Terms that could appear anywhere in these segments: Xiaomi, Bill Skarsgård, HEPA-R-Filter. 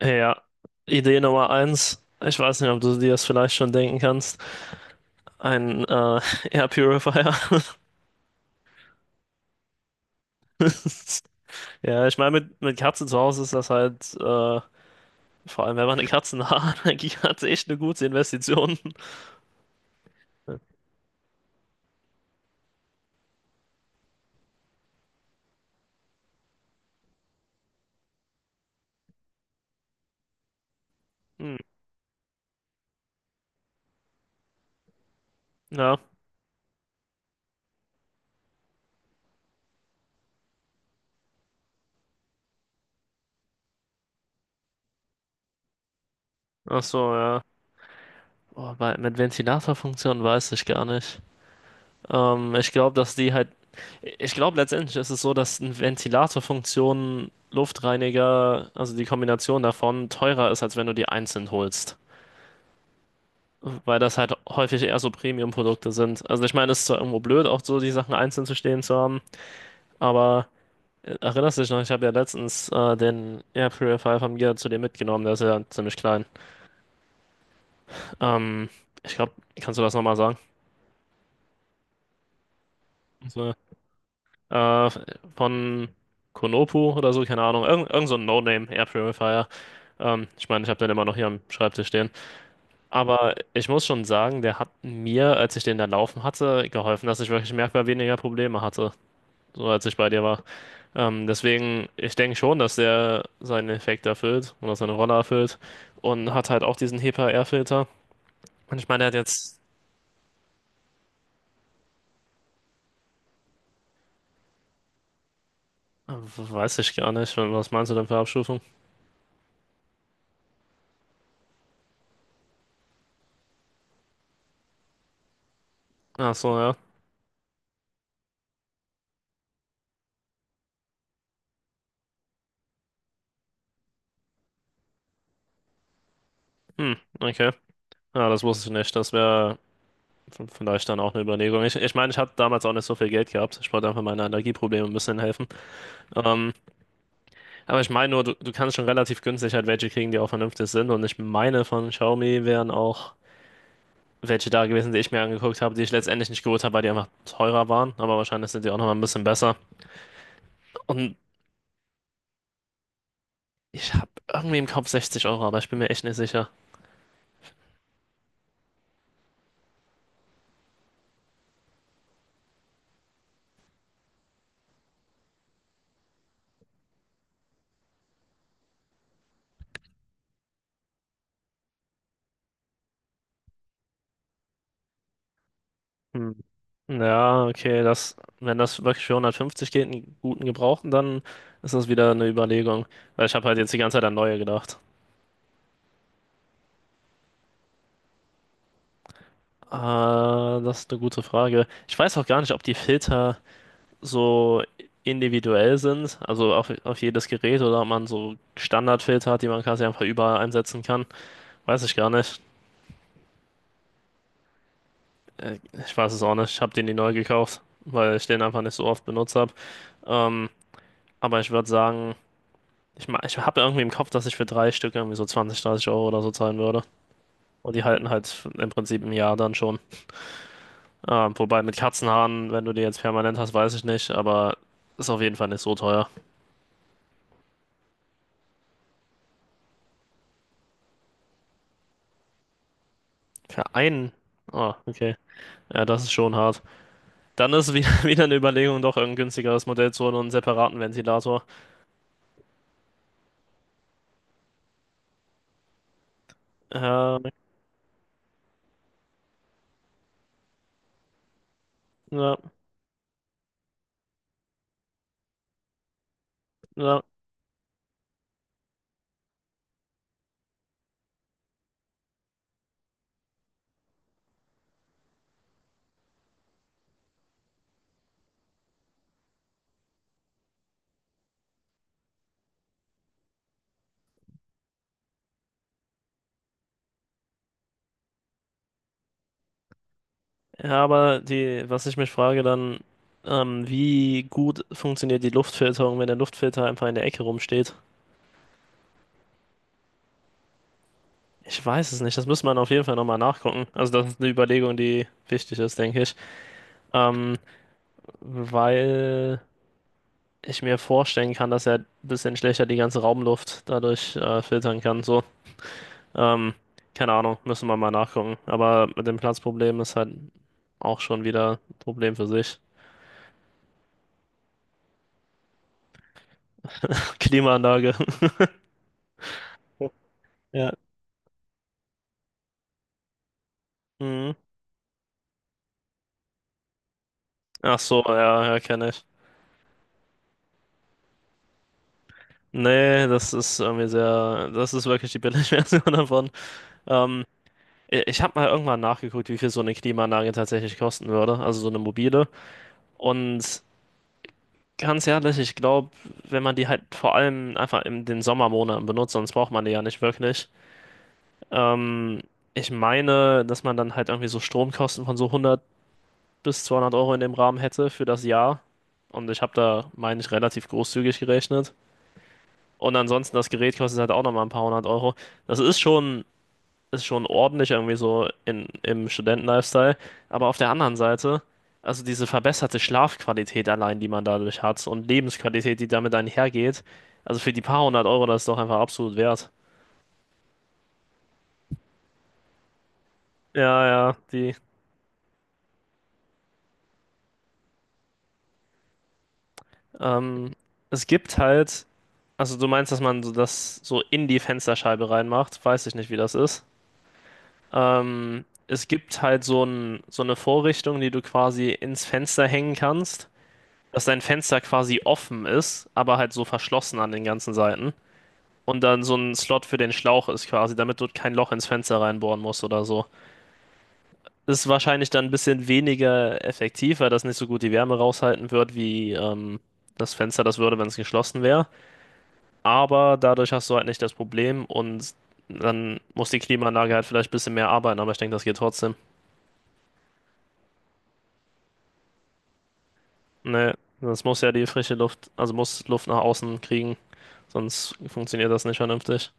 Ja, Idee Nummer eins. Ich weiß nicht, ob du dir das vielleicht schon denken kannst. Ein Air Purifier. Ja, ich meine, mit Katze zu Hause ist das halt, vor allem wenn man eine Katzenhaarallergie hat, echt eine gute Investition. Hm, ja, ach so, ja. Boah, mit Ventilatorfunktion weiß ich gar nicht. Ich glaube, dass die halt. Ich glaube, letztendlich ist es so, dass eine Ventilatorfunktion, Luftreiniger, also die Kombination davon, teurer ist, als wenn du die einzeln holst. Weil das halt häufig eher so Premium-Produkte sind. Also, ich meine, es ist zwar irgendwo blöd, auch so die Sachen einzeln zu stehen zu haben, aber erinnerst du dich noch, ich habe ja letztens den Air Purifier von mir zu dir mitgenommen, der ist ja ziemlich klein. Ähm, ich glaube, kannst du das nochmal sagen? Äh, von Konopu oder so, keine Ahnung. Irgend so ein No-Name Air Purifier. Ich meine, ich habe den immer noch hier am Schreibtisch stehen. Aber ich muss schon sagen, der hat mir, als ich den da laufen hatte, geholfen, dass ich wirklich merkbar weniger Probleme hatte, so als ich bei dir war. Deswegen, ich denke schon, dass der seinen Effekt erfüllt oder seine Rolle erfüllt und hat halt auch diesen HEPA-R-Filter. Und ich meine, der hat jetzt. Weiß ich gar nicht, was meinst du denn für Abstufung? Ach so, ja. Hm, okay. Ja, das wusste ich nicht. Das wäre. Von daher ist dann auch eine Überlegung. Ich meine, ich habe damals auch nicht so viel Geld gehabt. Ich wollte einfach meine Allergieprobleme ein bisschen helfen. Ähm, aber ich meine nur, du kannst schon relativ günstig halt welche kriegen, die auch vernünftig sind. Und ich meine, von Xiaomi wären auch welche da gewesen, die ich mir angeguckt habe, die ich letztendlich nicht geholt habe, weil die einfach teurer waren. Aber wahrscheinlich sind die auch nochmal ein bisschen besser. Und ich habe irgendwie im Kopf 60 Euro, aber ich bin mir echt nicht sicher. Hm. Ja, okay, das, wenn das wirklich für 150 geht, einen guten Gebrauchten, dann ist das wieder eine Überlegung. Weil ich habe halt jetzt die ganze Zeit an neue gedacht. Ah, das ist eine gute Frage. Ich weiß auch gar nicht, ob die Filter so individuell sind, also auf jedes Gerät oder ob man so Standardfilter hat, die man quasi einfach überall einsetzen kann. Weiß ich gar nicht. Äh, Ich weiß es auch nicht. Ich habe den nie neu gekauft, weil ich den einfach nicht so oft benutzt habe. Ähm, aber ich würde sagen, ich habe irgendwie im Kopf, dass ich für drei Stück irgendwie so 20, 30 Euro oder so zahlen würde. Und die halten halt im Prinzip ein Jahr dann schon. Wobei mit Katzenhaaren, wenn du die jetzt permanent hast, weiß ich nicht, aber ist auf jeden Fall nicht so teuer. Für einen? Ah, okay. Ja, das ist schon hart. Dann ist wieder, wieder eine Überlegung, doch ein günstigeres Modell zu holen und einen separaten Ventilator. Ja, ja. Ja, aber was ich mich frage dann, wie gut funktioniert die Luftfilterung, wenn der Luftfilter einfach in der Ecke rumsteht? Ich weiß es nicht, das müsste man auf jeden Fall nochmal nachgucken. Also das ist eine Überlegung, die wichtig ist, denke ich. Ähm, weil ich mir vorstellen kann, dass er ein bisschen schlechter die ganze Raumluft dadurch filtern kann. So, ähm, keine Ahnung, müssen wir mal nachgucken. Aber mit dem Platzproblem ist halt auch schon wieder ein Problem für sich. Klimaanlage. Ja. Mhm. Ach so, ja, ja, kenne ich. Nee, das ist irgendwie sehr, das ist wirklich die Billigversion davon. Ähm, ich habe mal irgendwann nachgeguckt, wie viel so eine Klimaanlage tatsächlich kosten würde, also so eine mobile. Und ganz ehrlich, ich glaube, wenn man die halt vor allem einfach in den Sommermonaten benutzt, sonst braucht man die ja nicht wirklich. Ähm, ich meine, dass man dann halt irgendwie so Stromkosten von so 100 bis 200 Euro in dem Rahmen hätte für das Jahr. Und ich habe da, meine ich, relativ großzügig gerechnet. Und ansonsten, das Gerät kostet halt auch nochmal ein paar hundert Euro. Das ist schon ordentlich irgendwie so in, im Studentenlifestyle. Aber auf der anderen Seite, also diese verbesserte Schlafqualität allein, die man dadurch hat und Lebensqualität, die damit einhergeht, also für die paar hundert Euro, das ist doch einfach absolut wert. Ja, ja, die. Ähm, es gibt halt, also du meinst, dass man so das so in die Fensterscheibe reinmacht, weiß ich nicht, wie das ist. Es gibt halt so eine Vorrichtung, die du quasi ins Fenster hängen kannst, dass dein Fenster quasi offen ist, aber halt so verschlossen an den ganzen Seiten. Und dann so ein Slot für den Schlauch ist quasi, damit du kein Loch ins Fenster reinbohren musst oder so. Ist wahrscheinlich dann ein bisschen weniger effektiv, weil das nicht so gut die Wärme raushalten wird, wie das Fenster das würde, wenn es geschlossen wäre. Aber dadurch hast du halt nicht das Problem und dann muss die Klimaanlage halt vielleicht ein bisschen mehr arbeiten, aber ich denke, das geht trotzdem. Ne, das muss ja die frische Luft, also muss Luft nach außen kriegen, sonst funktioniert das nicht vernünftig.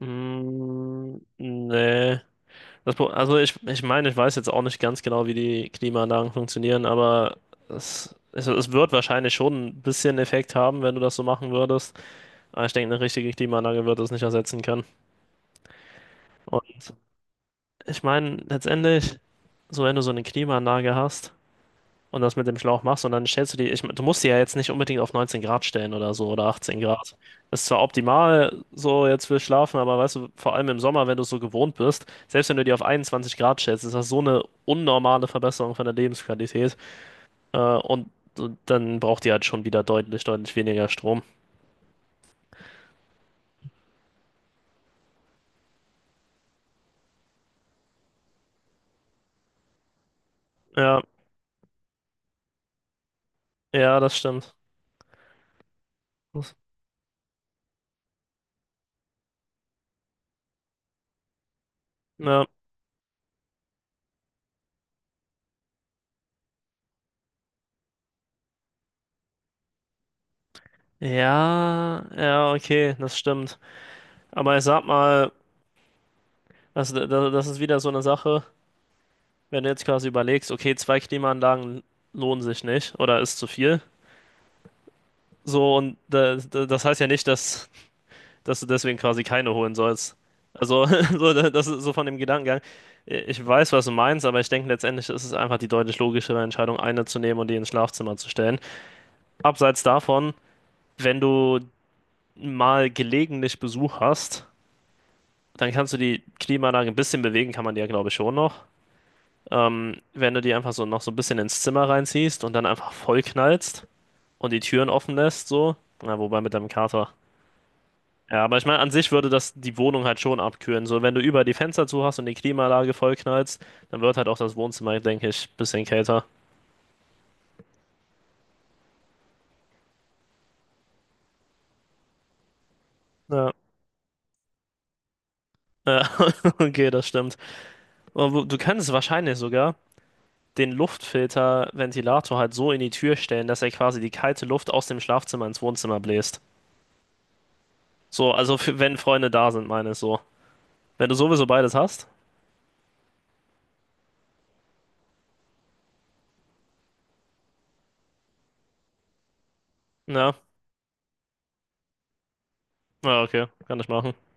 Mm, nee. Also ich meine, ich weiß jetzt auch nicht ganz genau, wie die Klimaanlagen funktionieren, aber es wird wahrscheinlich schon ein bisschen Effekt haben, wenn du das so machen würdest. Aber ich denke, eine richtige Klimaanlage wird das nicht ersetzen können. Und ich meine, letztendlich, so wenn du so eine Klimaanlage hast, und das mit dem Schlauch machst und dann stellst du die, du musst die ja jetzt nicht unbedingt auf 19 Grad stellen oder so oder 18 Grad. Das ist zwar optimal so jetzt für Schlafen, aber weißt du, vor allem im Sommer, wenn du es so gewohnt bist, selbst wenn du die auf 21 Grad stellst, ist das so eine unnormale Verbesserung von der Lebensqualität äh, und und dann braucht die halt schon wieder deutlich, deutlich weniger Strom. Ja, ja, das stimmt. Das, ja. Ja, ja, okay, das stimmt. Aber ich sag mal, also, das ist wieder so eine Sache. Wenn du jetzt quasi überlegst, okay, zwei Klimaanlagen lohnen sich nicht oder ist zu viel. So, und da, das heißt ja nicht, dass du deswegen quasi keine holen sollst. Also, so, das ist so von dem Gedankengang. Ich weiß, was du meinst, aber ich denke, letztendlich ist es einfach die deutlich logischere Entscheidung, eine zu nehmen und die ins Schlafzimmer zu stellen. Abseits davon, wenn du mal gelegentlich Besuch hast, dann kannst du die Klimaanlage ein bisschen bewegen, kann man die ja, glaube ich, schon noch. Wenn du die einfach so noch so ein bisschen ins Zimmer reinziehst und dann einfach voll knallst und die Türen offen lässt, so. Na, wobei mit deinem Kater. Ja, aber ich meine, an sich würde das die Wohnung halt schon abkühlen. So, wenn du über die Fenster zu hast und die Klimaanlage vollknallst, dann wird halt auch das Wohnzimmer, denke ich, ein bisschen kälter. Ja. Ja, okay, das stimmt. Aber du kannst wahrscheinlich sogar den Luftfilter-Ventilator halt so in die Tür stellen, dass er quasi die kalte Luft aus dem Schlafzimmer ins Wohnzimmer bläst. So, also für, wenn Freunde da sind, meine ich so. Wenn du sowieso beides hast, ja, ja, okay, kann ich machen.